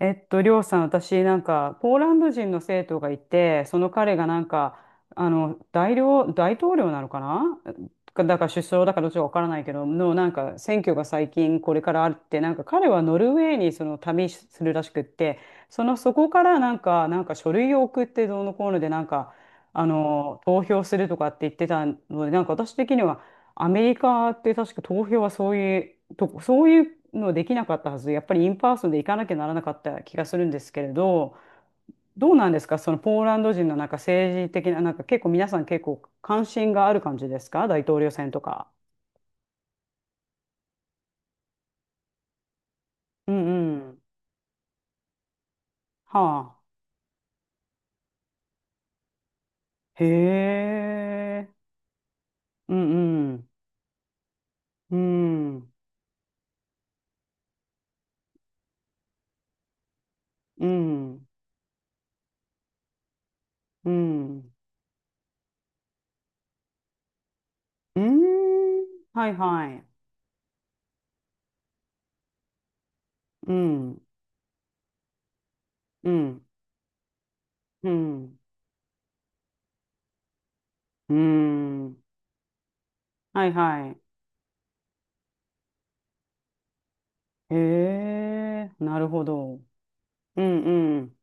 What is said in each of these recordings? りょうさん、私、なんか、ポーランド人の生徒がいて、その彼がなんか、大統領なのかな、か、だから首相だから、どっちかわからないけど、の、なんか、選挙が最近これからあるって、なんか彼はノルウェーにその旅するらしくって、その、そこからなんか、なんか書類を送ってどうのこうので、なんか、投票するとかって言ってたので、なんか私的には、アメリカって確か投票はそういう、とこ、そういうのできなかったはず、やっぱりインパーソンで行かなきゃならなかった気がするんですけれど、どうなんですか、そのポーランド人のなんか政治的な、なんか結構皆さん結構関心がある感じですか、大統領選とか。うんうん。はあ。へえ。うんうん。うん。うん。うん。うーん。はいはい。うん。うん。うん。うん。はいはい。へえ、なるほど。うんうん。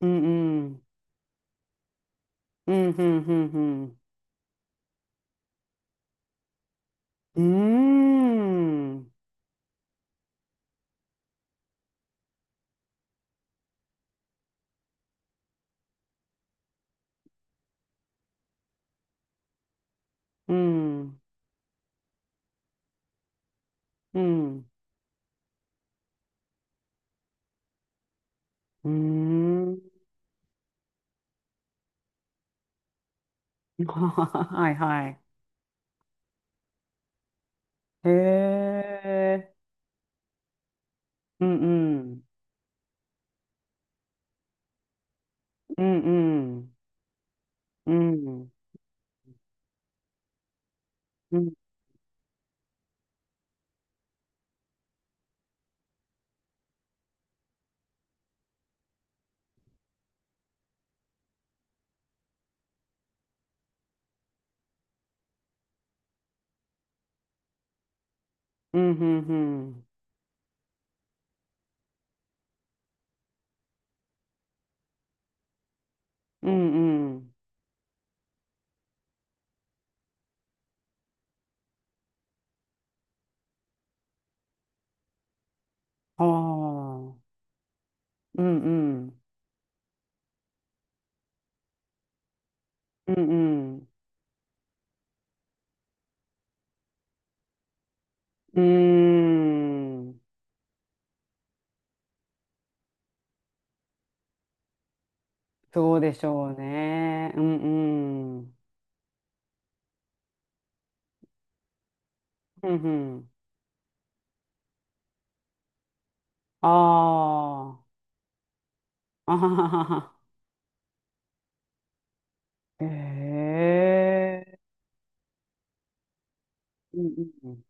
うんうん。うんうんうんうん。うーん。うん。うん。うーん。はいはい。へえ。うんうん。うんうん。うん。うん。うんうんうん。うんうん。ああ。うんうん。うんうんうんうんうんうんうんうんうああーうんうんうんうんうーん。そうでしょうね。うんうん。うん、ああ、あはははは。へえ、うんうん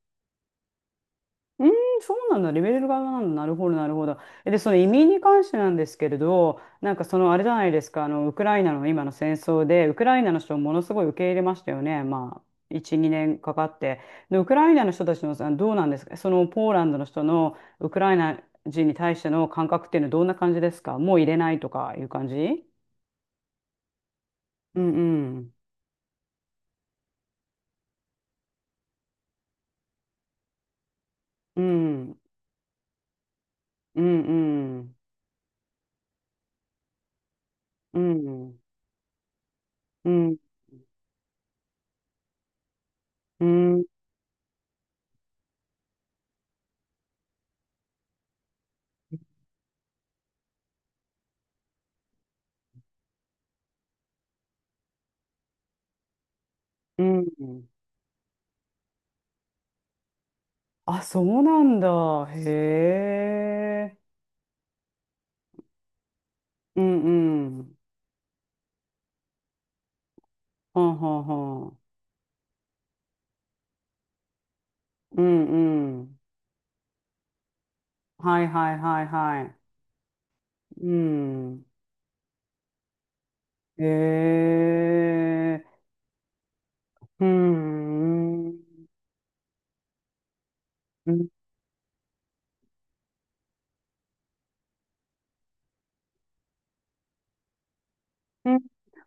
うん。うーん、そうなんだ。レベルがなんだ。なるほど、なるほど。で、その移民に関してなんですけれど、なんかそのあれじゃないですか、あの、ウクライナの今の戦争で、ウクライナの人をものすごい受け入れましたよね。まあ、1、2年かかって。で、ウクライナの人たちの、どうなんですか、そのポーランドの人のウクライナ人に対しての感覚っていうのはどんな感じですか、もう入れないとかいう感じ？うんうん。うん。うんうん。うん、うん、うん、うん、あ、そうなんだ。へえ。うん、うん、はんはんはん。うん、うん、はいはいはいはい、うん、へえ。うん、うん、うん。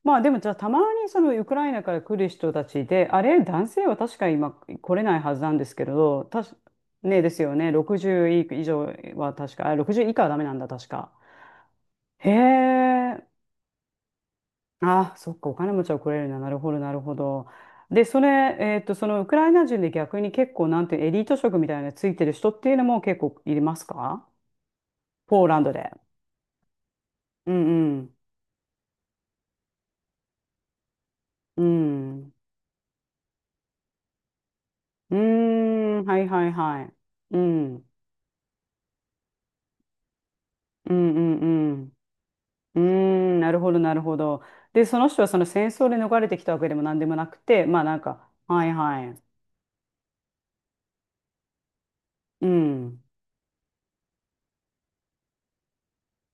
まあでもじゃあ、たまにそのウクライナから来る人たちで、あれ、男性は確か今来れないはずなんですけれど、ねですよね、60以上は確か、あ、60以下はダメなんだ、確か。へえ、あ、そっか、お金持ちは来れるな、なるほど、なるほど。で、それ、そのウクライナ人で逆に結構、なんていうエリート職みたいなのついてる人っていうのも結構いますか？ポーランドで。うんうん。うん。うーん、はいはいはい。うん。うんうんうん。うーん、なるほど、なるほど。で、その人はその戦争で逃れてきたわけでも何でもなくて、まあなんか、はいはい。うん。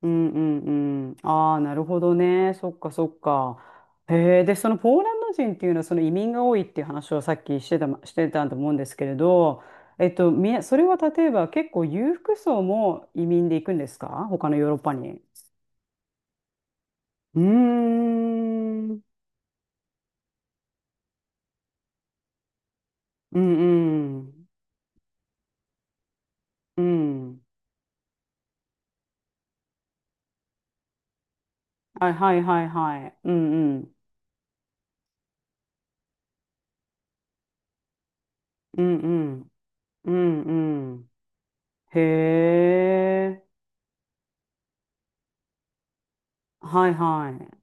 うんうんうん。ああ、なるほどね。そっかそっか。へえ、で、そのポーランド人っていうのはその移民が多いっていう話をさっきしてた、ま、してたと思うんですけれど、それは例えば結構裕福層も移民で行くんですか？他のヨーロッパに。うーん。うんうんうん。はいはいはいはい。うんうん。うんうん。うんうん。へえ。はいはい。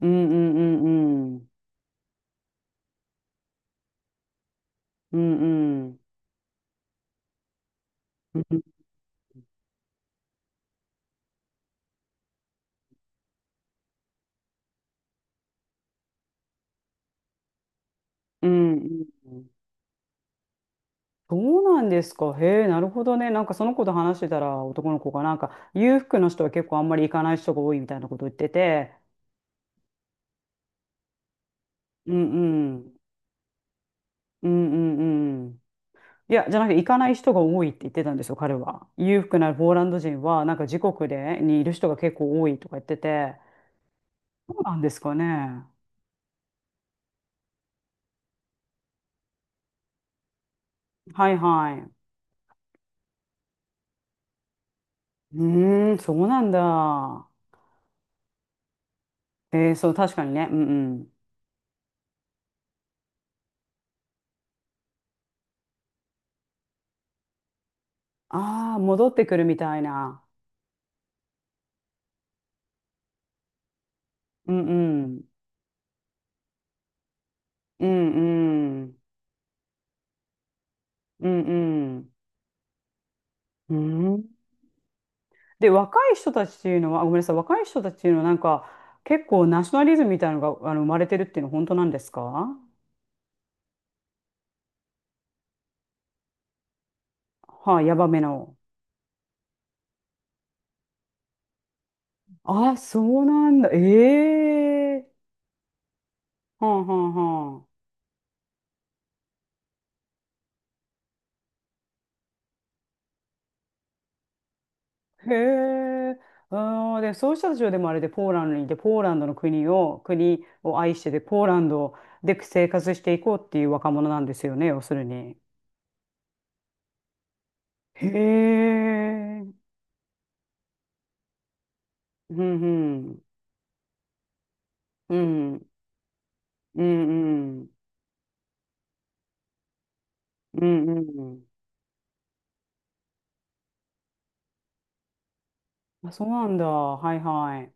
うんうんうんうん。うんうん。うんうんうん。そうなんですか。へえ、なるほどね。なんかその子と話してたら、男の子がなんか裕福の人は結構あんまり行かない人が多いみたいなこと言ってて。うんうん。うんうんうん。いや、じゃなくて行かない人が多いって言ってたんですよ、彼は。裕福なポーランド人はなんか自国でにいる人が結構多いとか言ってて。そうなんですかね。はいはい。うーん、そうなんだ。えー、そう、確かにね。うんうん。ああ、戻ってくるみたいな。うんうんうんうんうんうんうん。で、若い人たちっていうのは、ごめんなさい、若い人たちっていうのはなんか結構ナショナリズムみたいなのがあの生まれてるっていうのは本当なんですか？はい、ヤバめの。あ、そうなんだ。えはあはあはあ。へえ。あー、で、そういう人たちはでもあれで、ポーランドにいて、ポーランドの国を、国を愛してで、ポーランドで生活していこうっていう若者なんですよね、要するに。へえ。うん、うん、うん、うん、うん、うん。うん、あ、そうなんだ。はいはい。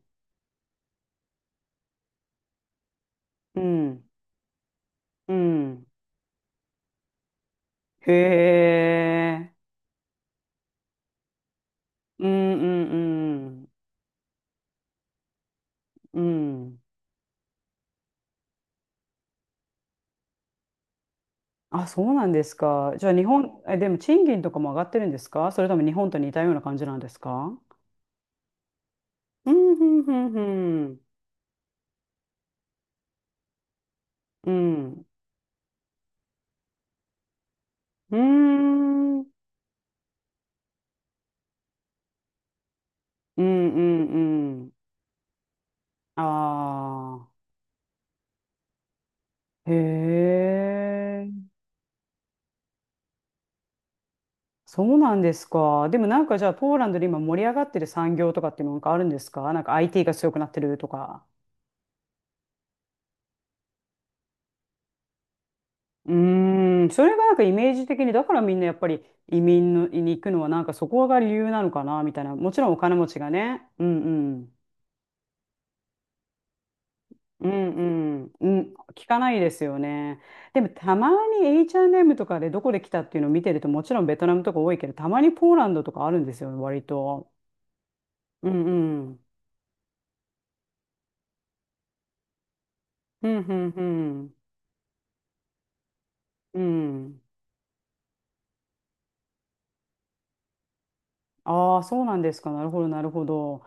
うん、うん。へえ。うん、うん、うん。うん。あ、そうなんですか。じゃあ日本、え、でも賃金とかも上がってるんですか？それとも日本と似たような感じなんですか？うん、うん、うん、うん。うん、うん、うん、うん。うん、ああ、へえ。そうなんですか。でもなんかじゃあ、ポーランドで今盛り上がってる産業とかっていうのなんかあるんですか？なんか IT が強くなってるとか。うーん、それがなんかイメージ的に、だからみんなやっぱり移民のに行くのはなんかそこが理由なのかなみたいな。もちろんお金持ちがね。うんうん。うんうん。うん、聞かないですよね。でもたまに H&M とかでどこで来たっていうのを見てると、もちろんベトナムとか多いけど、たまにポーランドとかあるんですよね、割と。うんうん。うんうんうん。うん。ああ、そうなんですか。なるほど、なるほど。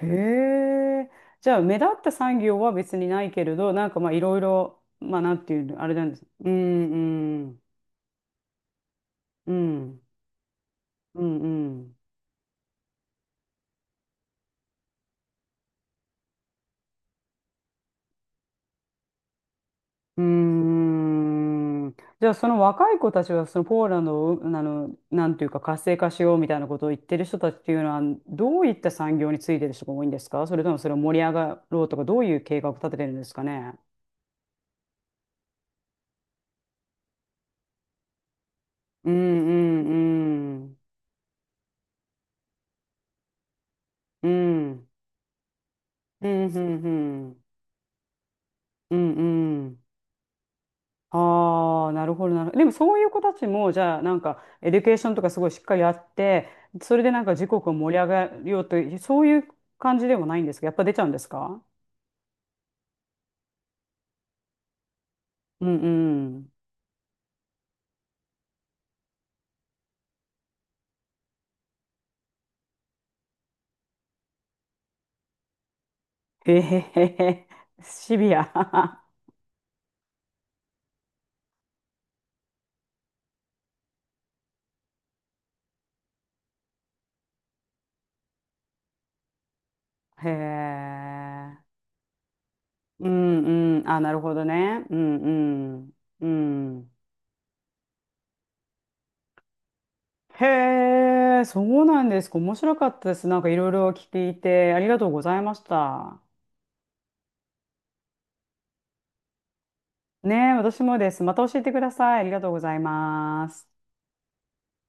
へえ。じゃあ、目立った産業は別にないけれど、なんかまあ、いろいろ、まあ、なんていうの、あれなんです。うん、うん、うん、うん、うん。うーん。じゃあ、その若い子たちは、そのポーランドを、あの、なんていうか、活性化しようみたいなことを言ってる人たちっていうのは、どういった産業についてる人が多いんですか？それともそれを盛り上がろうとか、どういう計画を立ててるんですかね。うん、うん、うん、うん。うん、うん、うん。うんうん。ああ、なるほど、なるほど。でもそういう子たちも、じゃあ、なんか、エデュケーションとかすごいしっかりやって、それでなんか時刻を盛り上がるようという、そういう感じでもないんですか？やっぱ出ちゃうんですか？うんうん。へへへへ。シビア。へえ。うんうん。あ、なるほどね。うんうん。うん。へえ、そうなんですか。面白かったです。なんかいろいろ聞いて、ありがとうございました。ねえ、私もです。また教えてください。ありがとうございます。